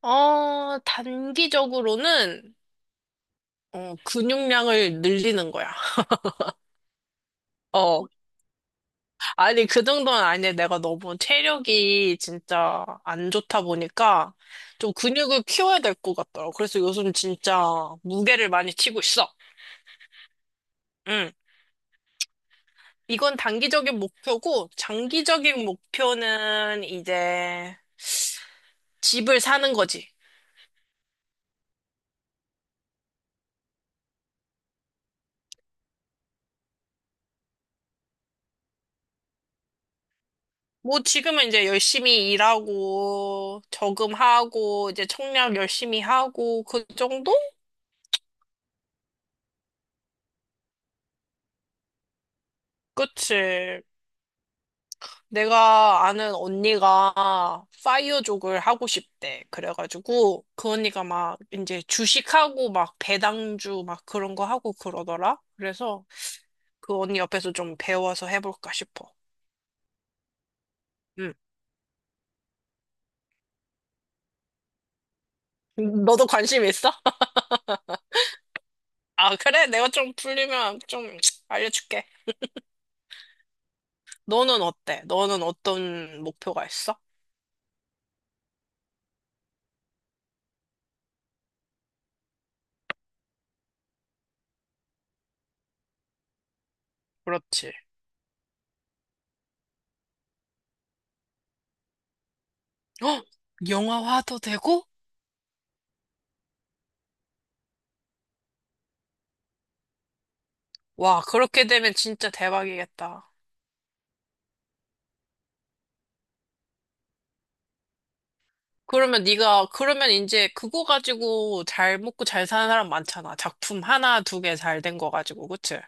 단기적으로는, 근육량을 늘리는 거야. 어, 아니, 그 정도는 아니야. 내가 너무 체력이 진짜 안 좋다 보니까 좀 근육을 키워야 될 것 같더라고. 그래서 요즘 진짜 무게를 많이 치고 있어. 응. 이건 단기적인 목표고, 장기적인 목표는 이제 집을 사는 거지. 뭐 지금은 이제 열심히 일하고, 저금하고, 이제 청약 열심히 하고, 그 정도? 그치. 내가 아는 언니가 파이어족을 하고 싶대. 그래가지고 그 언니가 막 이제 주식하고 막 배당주 막 그런 거 하고 그러더라. 그래서 그 언니 옆에서 좀 배워서 해볼까 싶어. 응. 너도 관심 있어? 아, 그래? 내가 좀 풀리면 좀 알려줄게. 너는 어때? 너는 어떤 목표가 있어? 그렇지. 어? 영화화도 되고? 와, 그렇게 되면 진짜 대박이겠다. 그러면 네가 그러면 이제 그거 가지고 잘 먹고 잘 사는 사람 많잖아. 작품 하나, 두 개 잘 된 거 가지고, 그치?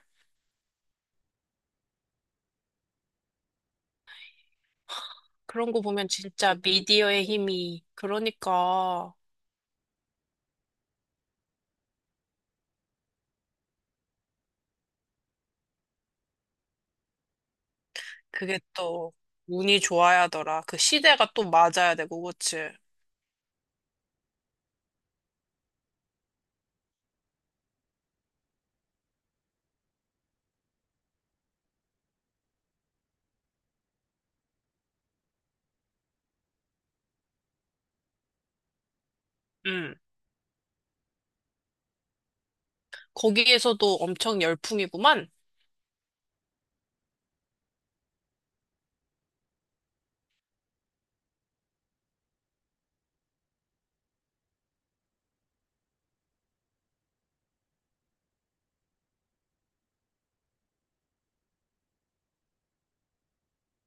그런 거 보면 진짜 미디어의 힘이. 그러니까 그게 또 운이 좋아야더라. 그 시대가 또 맞아야 되고, 그치? 응. 거기에서도 엄청 열풍이구만.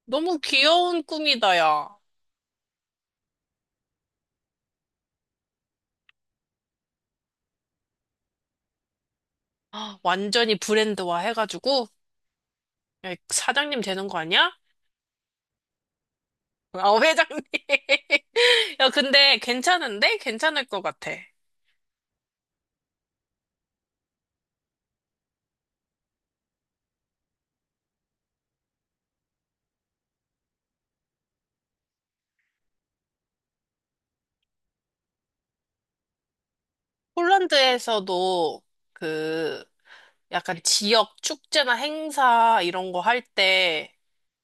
너무 귀여운 꿈이다, 야. 아, 완전히 브랜드화 해가지고 야, 사장님 되는 거 아니야? 아, 회장님. 야, 근데 괜찮은데? 괜찮을 것 같아. 폴란드에서도 그 약간 지역 축제나 행사 이런 거 할 때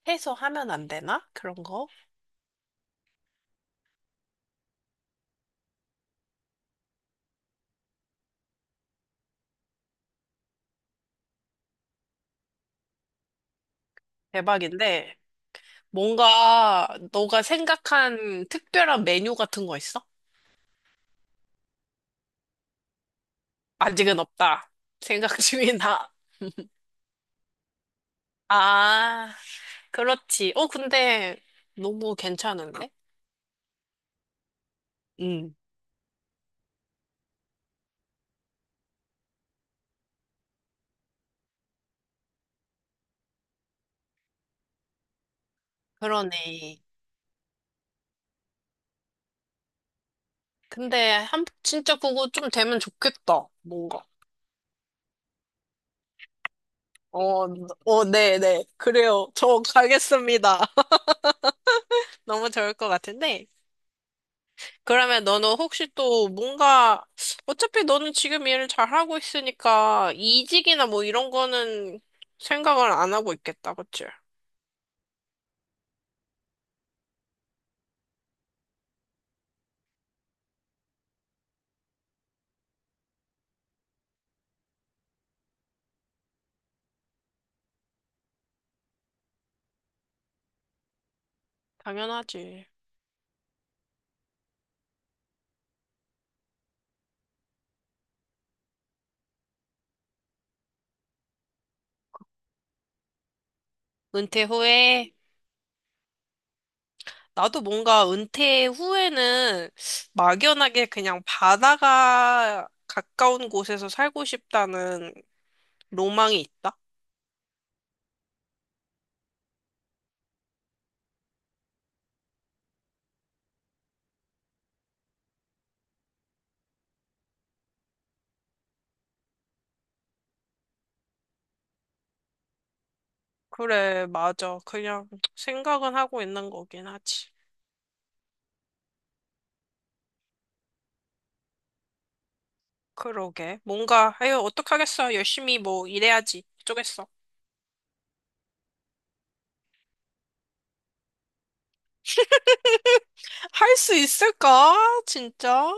해서 하면 안 되나? 그런 거? 대박인데 뭔가 너가 생각한 특별한 메뉴 같은 거 있어? 아직은 없다. 생각 중이다. 아, 그렇지. 근데 너무 괜찮은데? 응, 그러네. 근데 한 진짜 그거 좀 되면 좋겠다. 뭔가. 네, 네. 그래요. 저 가겠습니다. 너무 좋을 것 같은데. 그러면 너는 혹시 또 뭔가, 어차피 너는 지금 일을 잘하고 있으니까 이직이나 뭐 이런 거는 생각을 안 하고 있겠다, 그치? 당연하지. 은퇴 후에, 나도 뭔가 은퇴 후에는 막연하게 그냥 바다가 가까운 곳에서 살고 싶다는 로망이 있다. 그래, 맞아. 그냥 생각은 하고 있는 거긴 하지. 그러게. 뭔가, 아유, 어떡하겠어. 열심히 뭐 일해야지. 어쩌겠어. 할 수 있을까? 진짜?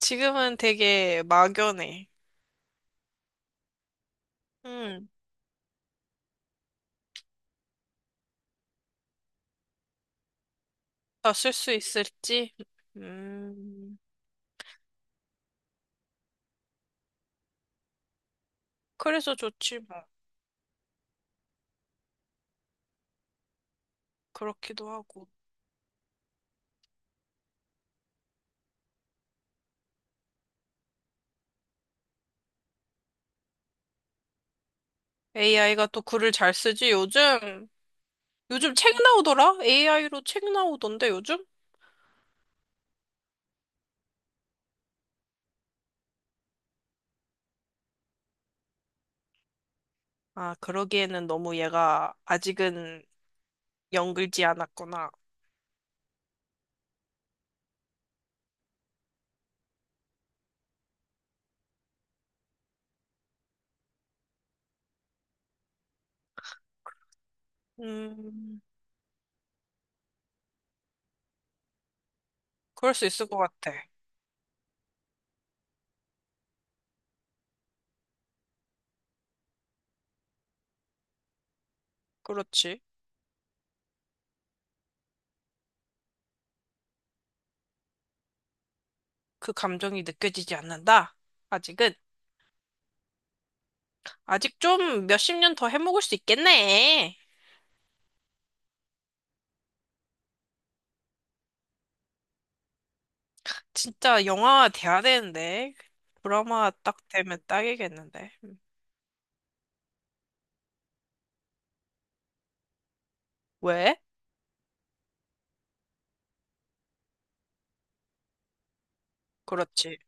지금은 되게 막연해. 응, 다 쓸 수 있을지? 음, 그래서 좋지 뭐. 그렇기도 하고. AI가 또 글을 잘 쓰지, 요즘? 요즘 책 나오더라? AI로 책 나오던데, 요즘? 아, 그러기에는 너무 얘가 아직은 연글지 않았구나. 음, 그럴 수 있을 것 같아. 그렇지. 그 감정이 느껴지지 않는다. 아직은. 아직 좀 몇십 년 더 해먹을 수 있겠네. 진짜 영화 돼야 되는데. 드라마 딱 되면 딱이겠는데. 음. 왜? 그렇지.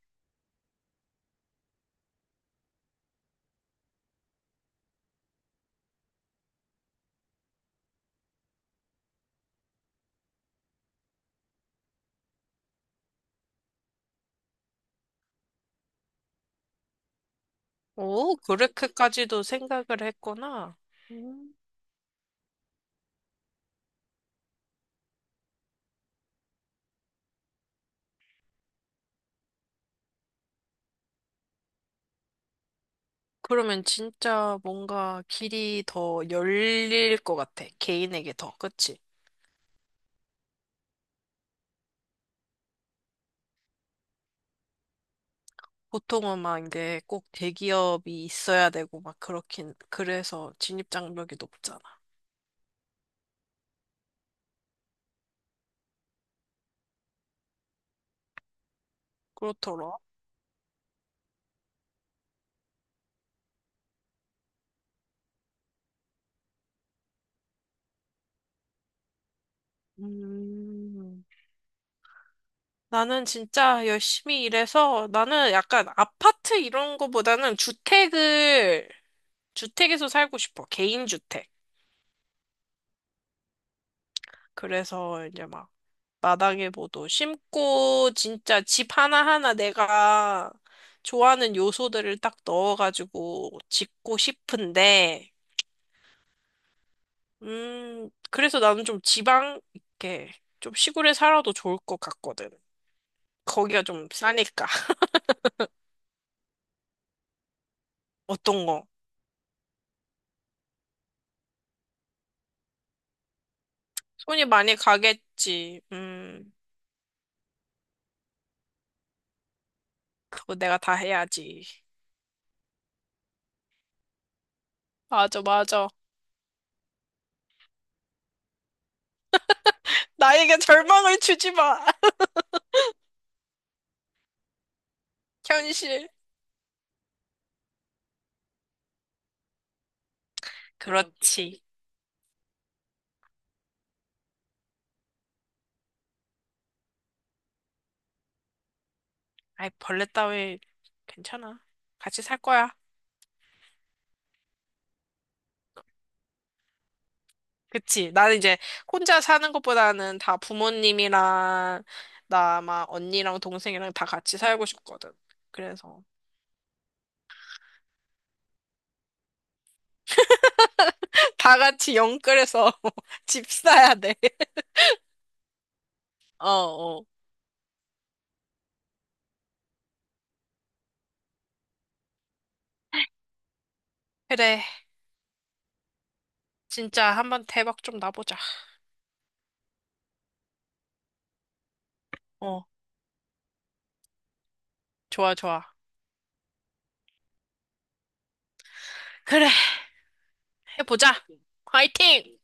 오, 그렇게까지도 생각을 했구나. 음, 그러면 진짜 뭔가 길이 더 열릴 것 같아. 개인에게 더. 그치? 보통은 막 이제 꼭 대기업이 있어야 되고 막 그렇긴 그래서 진입 장벽이 높잖아. 그렇더라. 음. 나는 진짜 열심히 일해서 나는 약간 아파트 이런 거보다는 주택을 주택에서 살고 싶어. 개인 주택. 그래서 이제 막 마당에 뭐도 심고 진짜 집 하나하나 내가 좋아하는 요소들을 딱 넣어가지고 짓고 싶은데 그래서 나는 좀 지방, 이렇게 좀 시골에 살아도 좋을 것 같거든. 거기가 좀 싸니까. 어떤 거? 손이 많이 가겠지. 그거 내가 다 해야지. 맞아, 맞아. 나에게 절망을 주지 마. 현실. 그렇지. 아이, 벌레 따위 괜찮아. 같이 살 거야. 그치. 나는 이제 혼자 사는 것보다는 다 부모님이랑 나 아마 언니랑 동생이랑 다 같이 살고 싶거든. 그래서. 다 같이 영끌해서 집 사야 돼. 어, 어. 그래. 진짜 한 번 대박 좀 나보자. 어, 좋아, 좋아. 그래, 해보자. 화이팅!